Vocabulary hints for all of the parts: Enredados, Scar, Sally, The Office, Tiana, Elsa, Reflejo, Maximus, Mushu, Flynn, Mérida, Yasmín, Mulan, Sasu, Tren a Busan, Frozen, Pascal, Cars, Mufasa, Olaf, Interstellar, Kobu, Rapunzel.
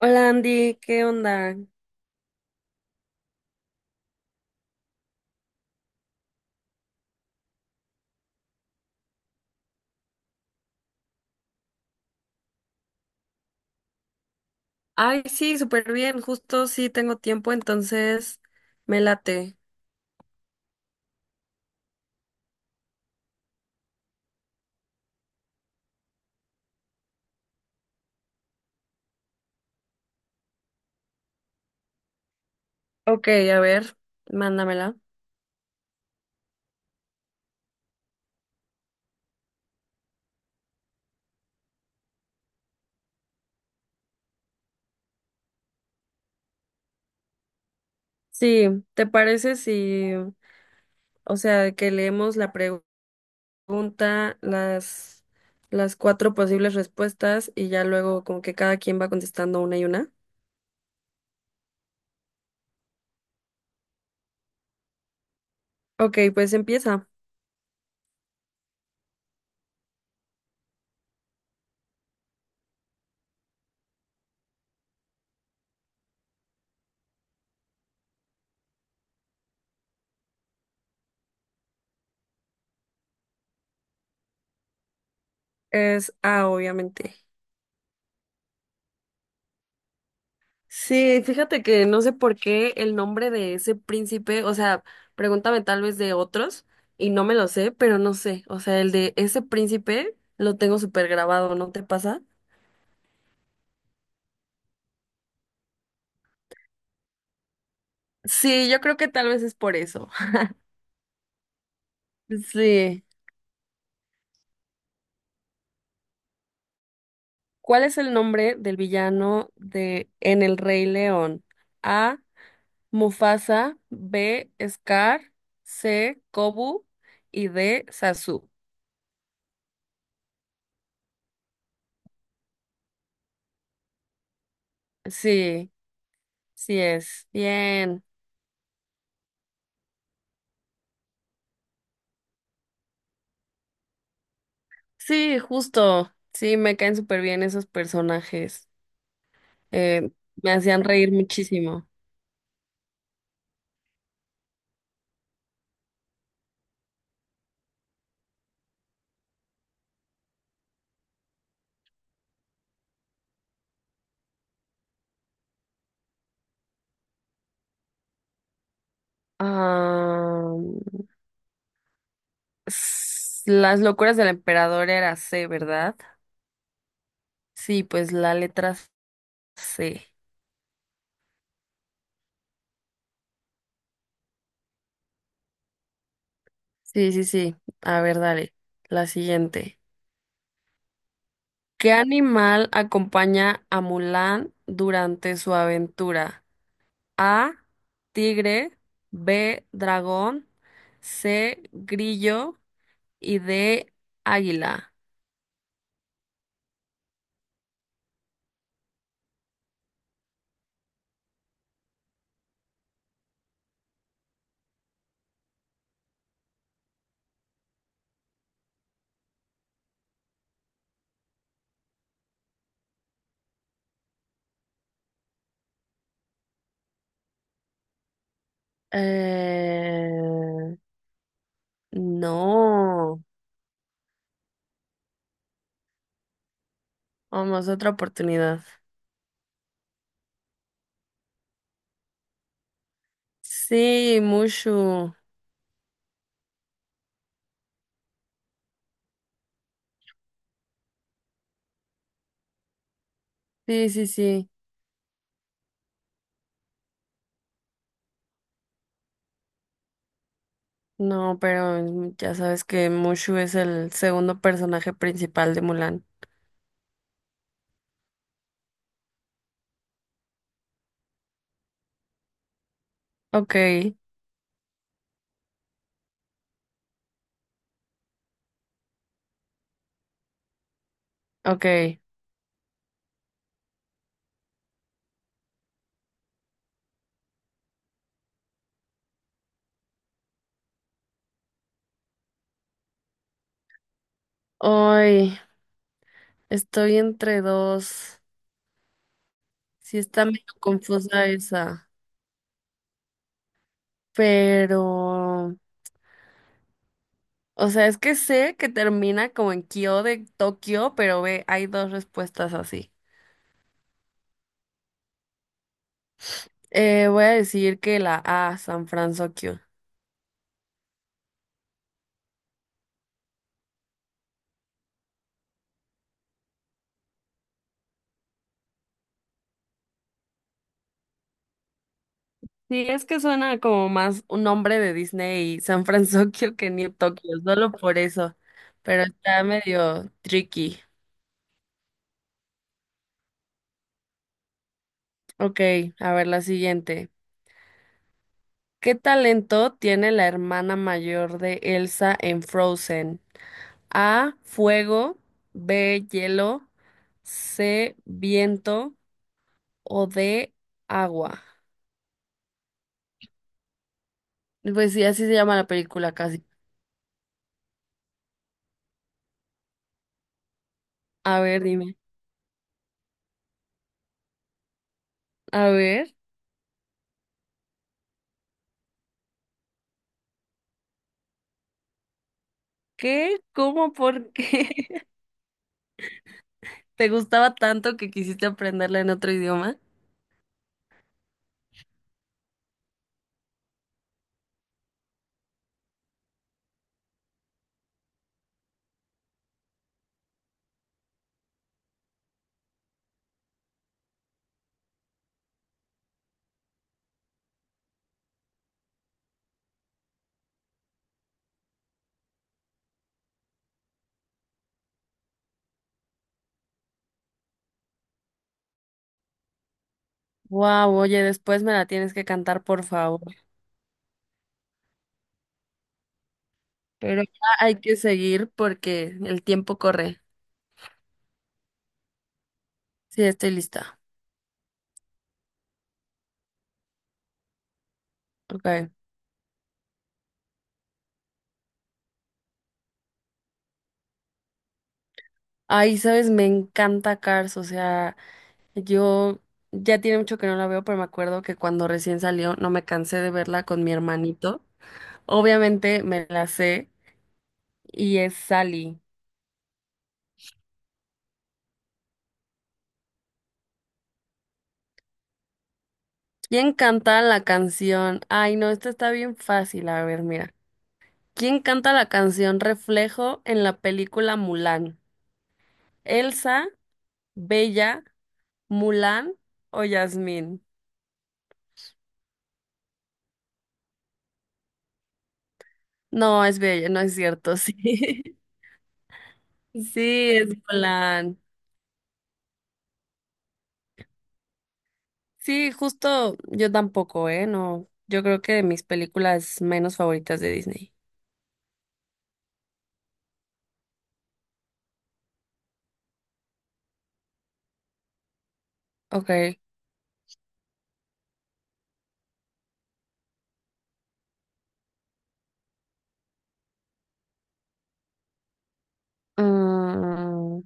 Hola Andy, ¿qué onda? Ay, sí, súper bien, justo sí tengo tiempo, entonces me late. Ok, a ver, mándamela. Sí, ¿te parece si, o sea, que leemos la pregunta, las, las cuatro posibles respuestas y ya luego como que cada quien va contestando una y una? Ok, pues empieza. Es A, obviamente. Sí, fíjate que no sé por qué el nombre de ese príncipe, o sea, pregúntame tal vez de otros y no me lo sé, pero no sé, o sea, el de ese príncipe lo tengo súper grabado, ¿no te pasa? Sí, yo creo que tal vez es por eso. Sí. ¿Cuál es el nombre del villano de En el Rey León? A. Mufasa, B. Scar, C. Kobu y D. Sasu. Sí, sí es. Bien. Sí, justo. Sí, me caen súper bien esos personajes. Eh, Me hacían reír muchísimo. Ah, las locuras del emperador era C, ¿verdad? Sí, pues la letra C. Sí, sí, sí. A ver, dale. La siguiente. ¿Qué animal acompaña a Mulan durante su aventura? A, tigre, B, dragón, C, grillo y D, águila. Eh, no, vamos, otra oportunidad. Sí, Mushu. Sí, sí, sí. No, pero ya sabes que Mushu es el segundo personaje principal de Mulan. Ok, ok. Hoy estoy entre dos. Sí está medio confusa esa, pero O sea, es que sé que termina como en Kyo de Tokio, pero ve, hay dos respuestas así. Voy a decir que la A, San Francisco. Sí, es que suena como más un nombre de Disney, y San Francisco que New Tokio, solo por eso. Pero está medio tricky. Ok, a ver la siguiente. ¿Qué talento tiene la hermana mayor de Elsa en Frozen? A, fuego, B, hielo, C, viento o D, agua. Pues sí, así se llama la película casi. A ver, dime. A ver. ¿Qué? ¿Cómo? ¿Por qué? ¿Te gustaba tanto que quisiste aprenderla en otro idioma? Wow, oye, después me la tienes que cantar, por favor. Pero ya hay que seguir porque el tiempo corre. Sí, estoy lista. Ok. Ay, sabes, me encanta Cars, o sea, yo ya tiene mucho que no la veo, pero me acuerdo que cuando recién salió no me cansé de verla con mi hermanito. Obviamente me la sé y es Sally. ¿Quién canta la canción? Ay, no, esta está bien fácil. A ver, mira. ¿Quién canta la canción Reflejo en la película Mulan? ¿Elsa, Bella, Mulan o Yasmín? No, es Bella, no es cierto, sí. Sí, es Mulan. Sí, justo yo tampoco, ¿eh? No, yo creo que de mis películas menos favoritas de Disney. Ok. mm,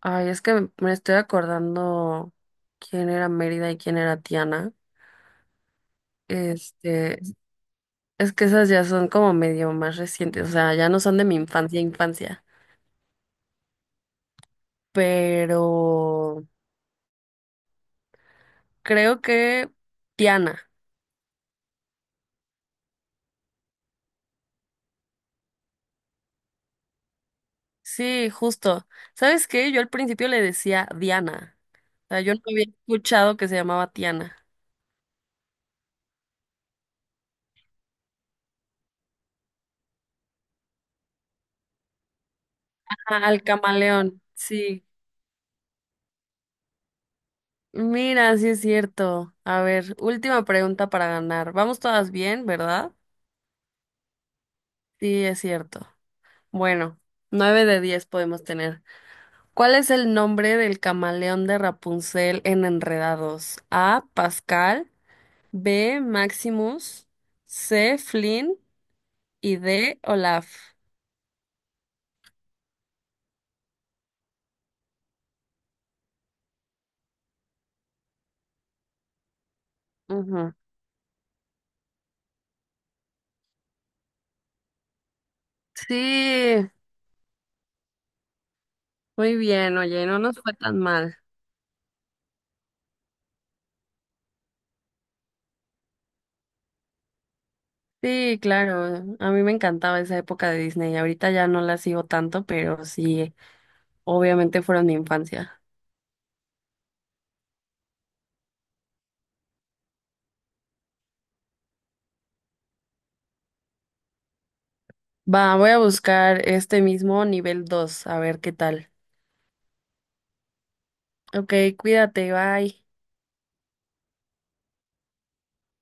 Ay, es que me estoy acordando quién era Mérida y quién era Tiana. Este, Es que esas ya son como medio más recientes, o sea, ya no son de mi infancia, infancia. Pero creo que Diana. Sí, justo. ¿Sabes qué? Yo al principio le decía Diana. O sea, yo no había escuchado que se llamaba Tiana. Ah, al camaleón, sí. Mira, sí es cierto. A ver, última pregunta para ganar. Vamos todas bien, ¿verdad? Sí, es cierto. Bueno, 9 de 10 podemos tener. ¿Cuál es el nombre del camaleón de Rapunzel en Enredados? A. Pascal, B. Maximus, C. Flynn y D. Olaf. Ujú. Sí, muy bien, oye, no nos fue tan mal. Sí, claro, a mí me encantaba esa época de Disney. Ahorita ya no la sigo tanto, pero sí, obviamente fueron mi infancia. Va, voy a buscar este mismo nivel 2, a ver qué tal. Ok, cuídate, bye.